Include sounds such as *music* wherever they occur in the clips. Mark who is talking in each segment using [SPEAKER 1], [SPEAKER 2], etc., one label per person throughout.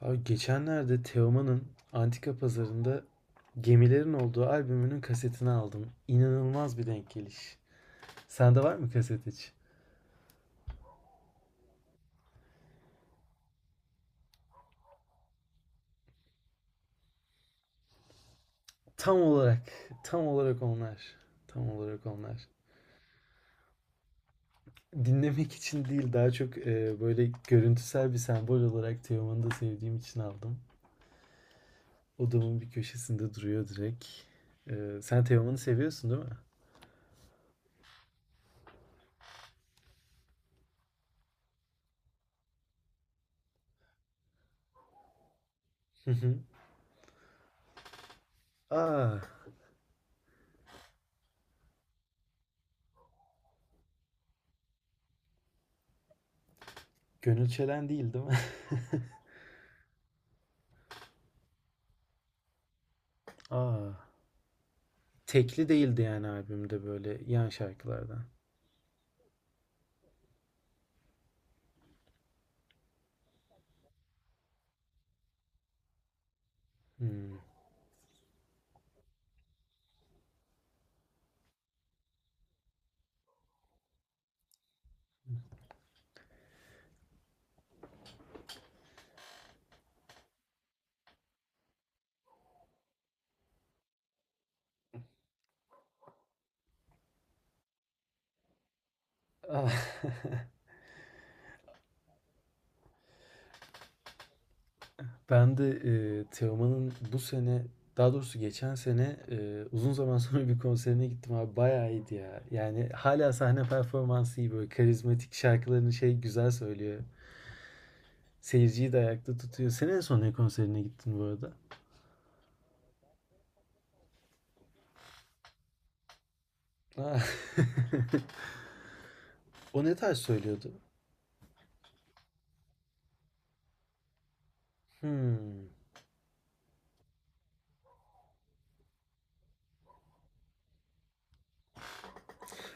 [SPEAKER 1] Abi geçenlerde Teoman'ın Antika Pazarı'nda gemilerin olduğu albümünün kasetini aldım. İnanılmaz bir denk geliş. Sende var mı kaset hiç? Tam olarak, tam olarak onlar. Tam olarak onlar. Dinlemek için değil, daha çok böyle görüntüsel bir sembol olarak Teoman'ı da sevdiğim için aldım. Odamın bir köşesinde duruyor direkt. Sen Teoman'ı seviyorsun, değil mi? Hı hı. Aa, Gönül Çelen değil, değil mi? *laughs* Aa. Tekli değildi yani, albümde böyle yan şarkılardan. Hmm. Ah, *laughs* Ben de Teoman'ın bu sene, daha doğrusu geçen sene, uzun zaman sonra bir konserine gittim abi, bayağı iyiydi ya. Yani hala sahne performansı iyi, böyle karizmatik şarkılarını güzel söylüyor. Seyirciyi de ayakta tutuyor. Senin en son ne konserine gittin bu arada? Ah. *laughs* O ne tarz söylüyordu? Hmm.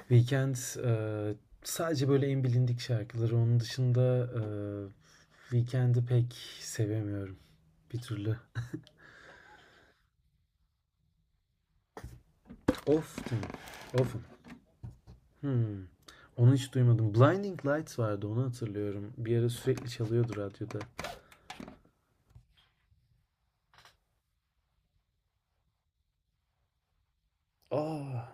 [SPEAKER 1] Weekend eee, sadece böyle en bilindik şarkıları. Onun dışında Weekend'i pek sevemiyorum bir türlü. Often, often. Hmm. Onu hiç duymadım. Blinding Lights vardı, onu hatırlıyorum. Bir ara sürekli çalıyordu radyoda. Aa,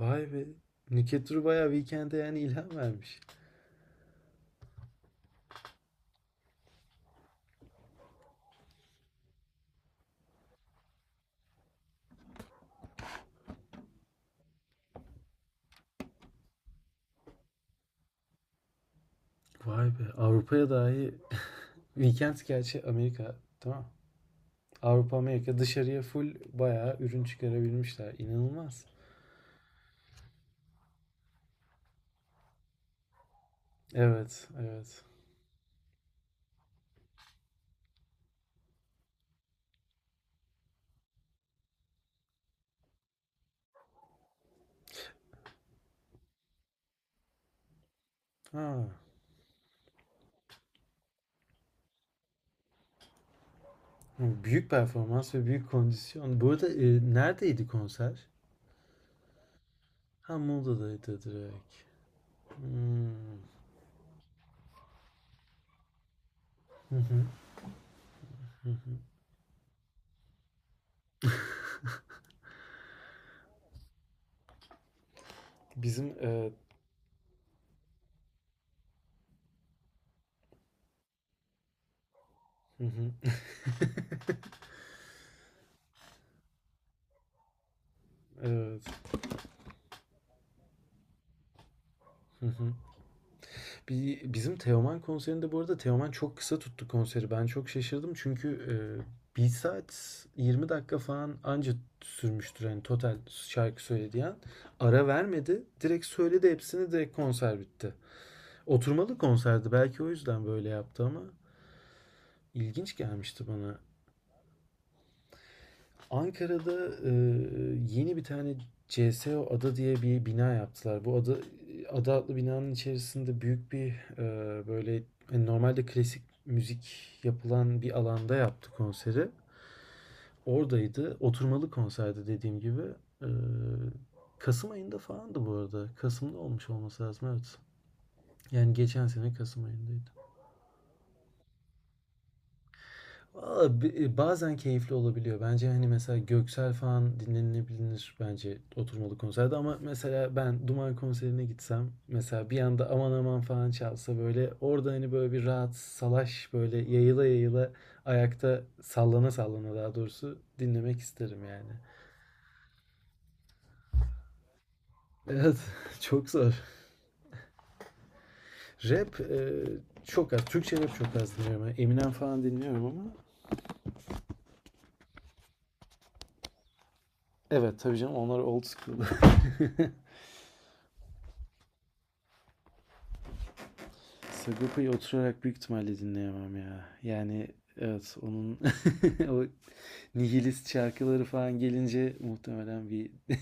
[SPEAKER 1] vay be. Nükhet Duru bayağı Weekend'e yani ilham vermiş. Vay be. Avrupa'ya dahi *laughs* Weekend gerçi, Amerika tamam. Avrupa Amerika, dışarıya full bayağı ürün çıkarabilmişler. İnanılmaz. Evet, evet. Ha, hı, büyük performans ve büyük kondisyon. Bu arada neredeydi konser? Ha, Muğla'daydı direkt. Hmm. Hı hı, hı hı. Bizim hı hı, evet. Hı hı. Bizim Teoman konserinde, bu arada, Teoman çok kısa tuttu konseri. Ben çok şaşırdım çünkü 1 saat 20 dakika falan anca sürmüştür, hani total şarkı söylediği an. Ara vermedi. Direkt söyledi hepsini, direkt konser bitti. Oturmalı konserdi. Belki o yüzden böyle yaptı ama ilginç gelmişti bana. Ankara'da yeni bir tane CSO Ada diye bir bina yaptılar. Bu ada adlı binanın içerisinde büyük bir böyle, hani normalde klasik müzik yapılan bir alanda yaptı konseri. Oradaydı. Oturmalı konserdi dediğim gibi. E, Kasım ayında falandı bu arada. Kasım'da olmuş olması lazım, evet. Yani geçen sene Kasım ayındaydı. Valla bazen keyifli olabiliyor. Bence hani mesela Göksel falan dinlenilebilir bence oturmalı konserde, ama mesela ben Duman konserine gitsem, mesela bir anda aman aman falan çalsa, böyle orada hani böyle bir rahat salaş, böyle yayıla yayıla, ayakta sallana sallana, daha doğrusu dinlemek isterim yani. Evet, *laughs* çok zor. Rap çok az. Türkçe rap çok az dinliyorum. Yani Eminem falan dinliyorum ama evet, tabii canım, onlar old school. *laughs* Sagopa'yı oturarak büyük ihtimalle dinleyemem ya. Yani evet, onun *laughs* o nihilist şarkıları falan gelince muhtemelen bir... *laughs*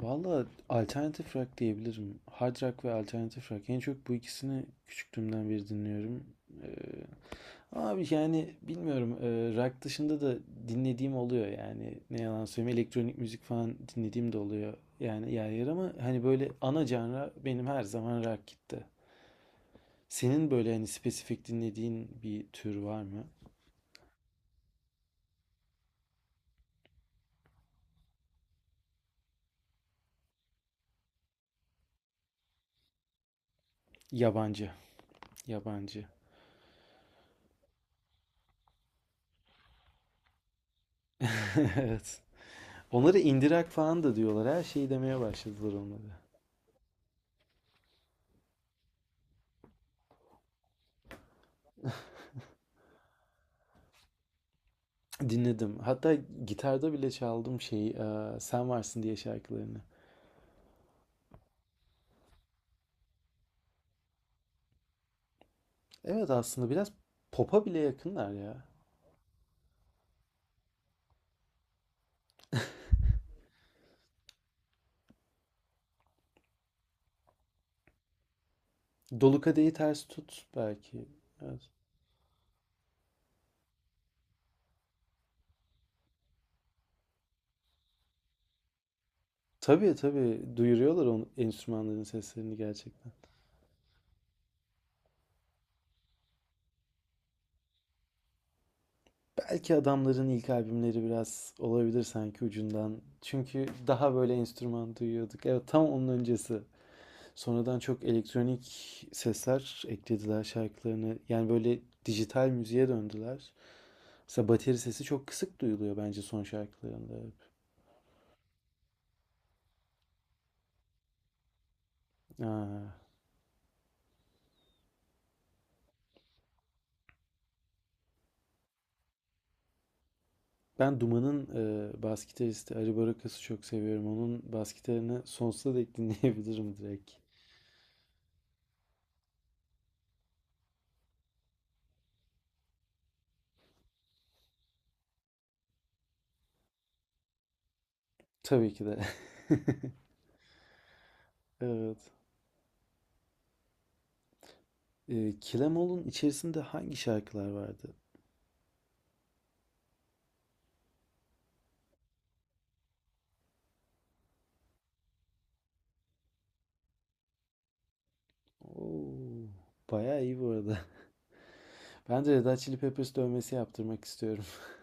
[SPEAKER 1] Valla alternatif rock diyebilirim. Hard rock ve alternatif rock. En çok bu ikisini küçüklüğümden beri dinliyorum. Ee, Abi yani bilmiyorum. Rock dışında da dinlediğim oluyor yani. Ne yalan söyleyeyim. Elektronik müzik falan dinlediğim de oluyor. Yani yer yer, ama hani böyle ana canra benim her zaman rock gitti. Senin böyle hani spesifik dinlediğin bir tür var mı? Yabancı. Yabancı. *laughs* Evet. Onları indirak falan da diyorlar. Her şeyi demeye başladılar onlara. Dinledim. Hatta gitarda bile çaldım Sen Varsın diye, şarkılarını. Evet aslında biraz pop'a bile yakınlar ya. Dolu Kadehi Ters Tut belki. Evet. Tabii tabii, duyuruyorlar onun, enstrümanların seslerini gerçekten. Belki adamların ilk albümleri biraz olabilir sanki ucundan. Çünkü daha böyle enstrüman duyuyorduk. Evet, tam onun öncesi. Sonradan çok elektronik sesler eklediler şarkılarına. Yani böyle dijital müziğe döndüler. Mesela bateri sesi çok kısık duyuluyor bence son şarkılarında. Aa, ben Duman'ın bas gitaristi Ari Barakas'ı çok seviyorum. Onun bas gitarını sonsuza dek dinleyebilirim direkt. Tabii ki de. *laughs* Evet. Kilemol'un içerisinde hangi şarkılar vardı? Oo, bayağı iyi bu arada. *laughs* Ben de Red Hot Chili Peppers dövmesi yaptırmak istiyorum. *laughs*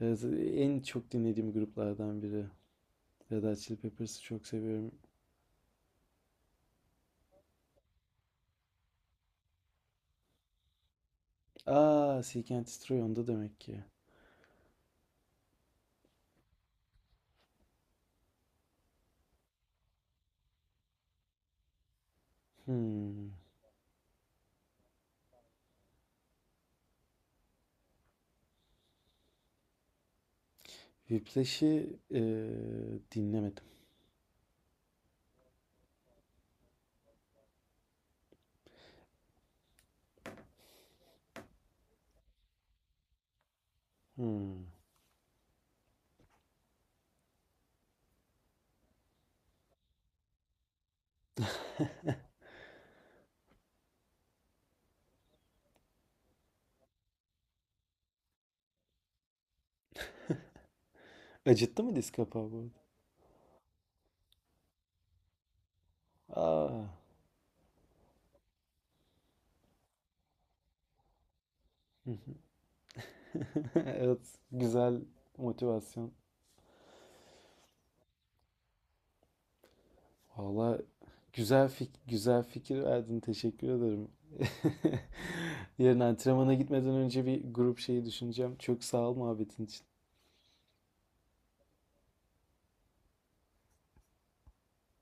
[SPEAKER 1] Evet, en çok dinlediğim gruplardan biri. Red Hot Chili Peppers'ı çok seviyorum. Aa, Seek and Destroy onda demek ki. Hmm. Whiplash'i dinlemedim. Hmm. Acıttı mı diz kapağı bu arada? Aa. *laughs* Evet, güzel motivasyon. Valla güzel fikir verdin. Teşekkür ederim. *laughs* Yarın antrenmana gitmeden önce bir grup şeyi düşüneceğim. Çok sağ ol muhabbetin için.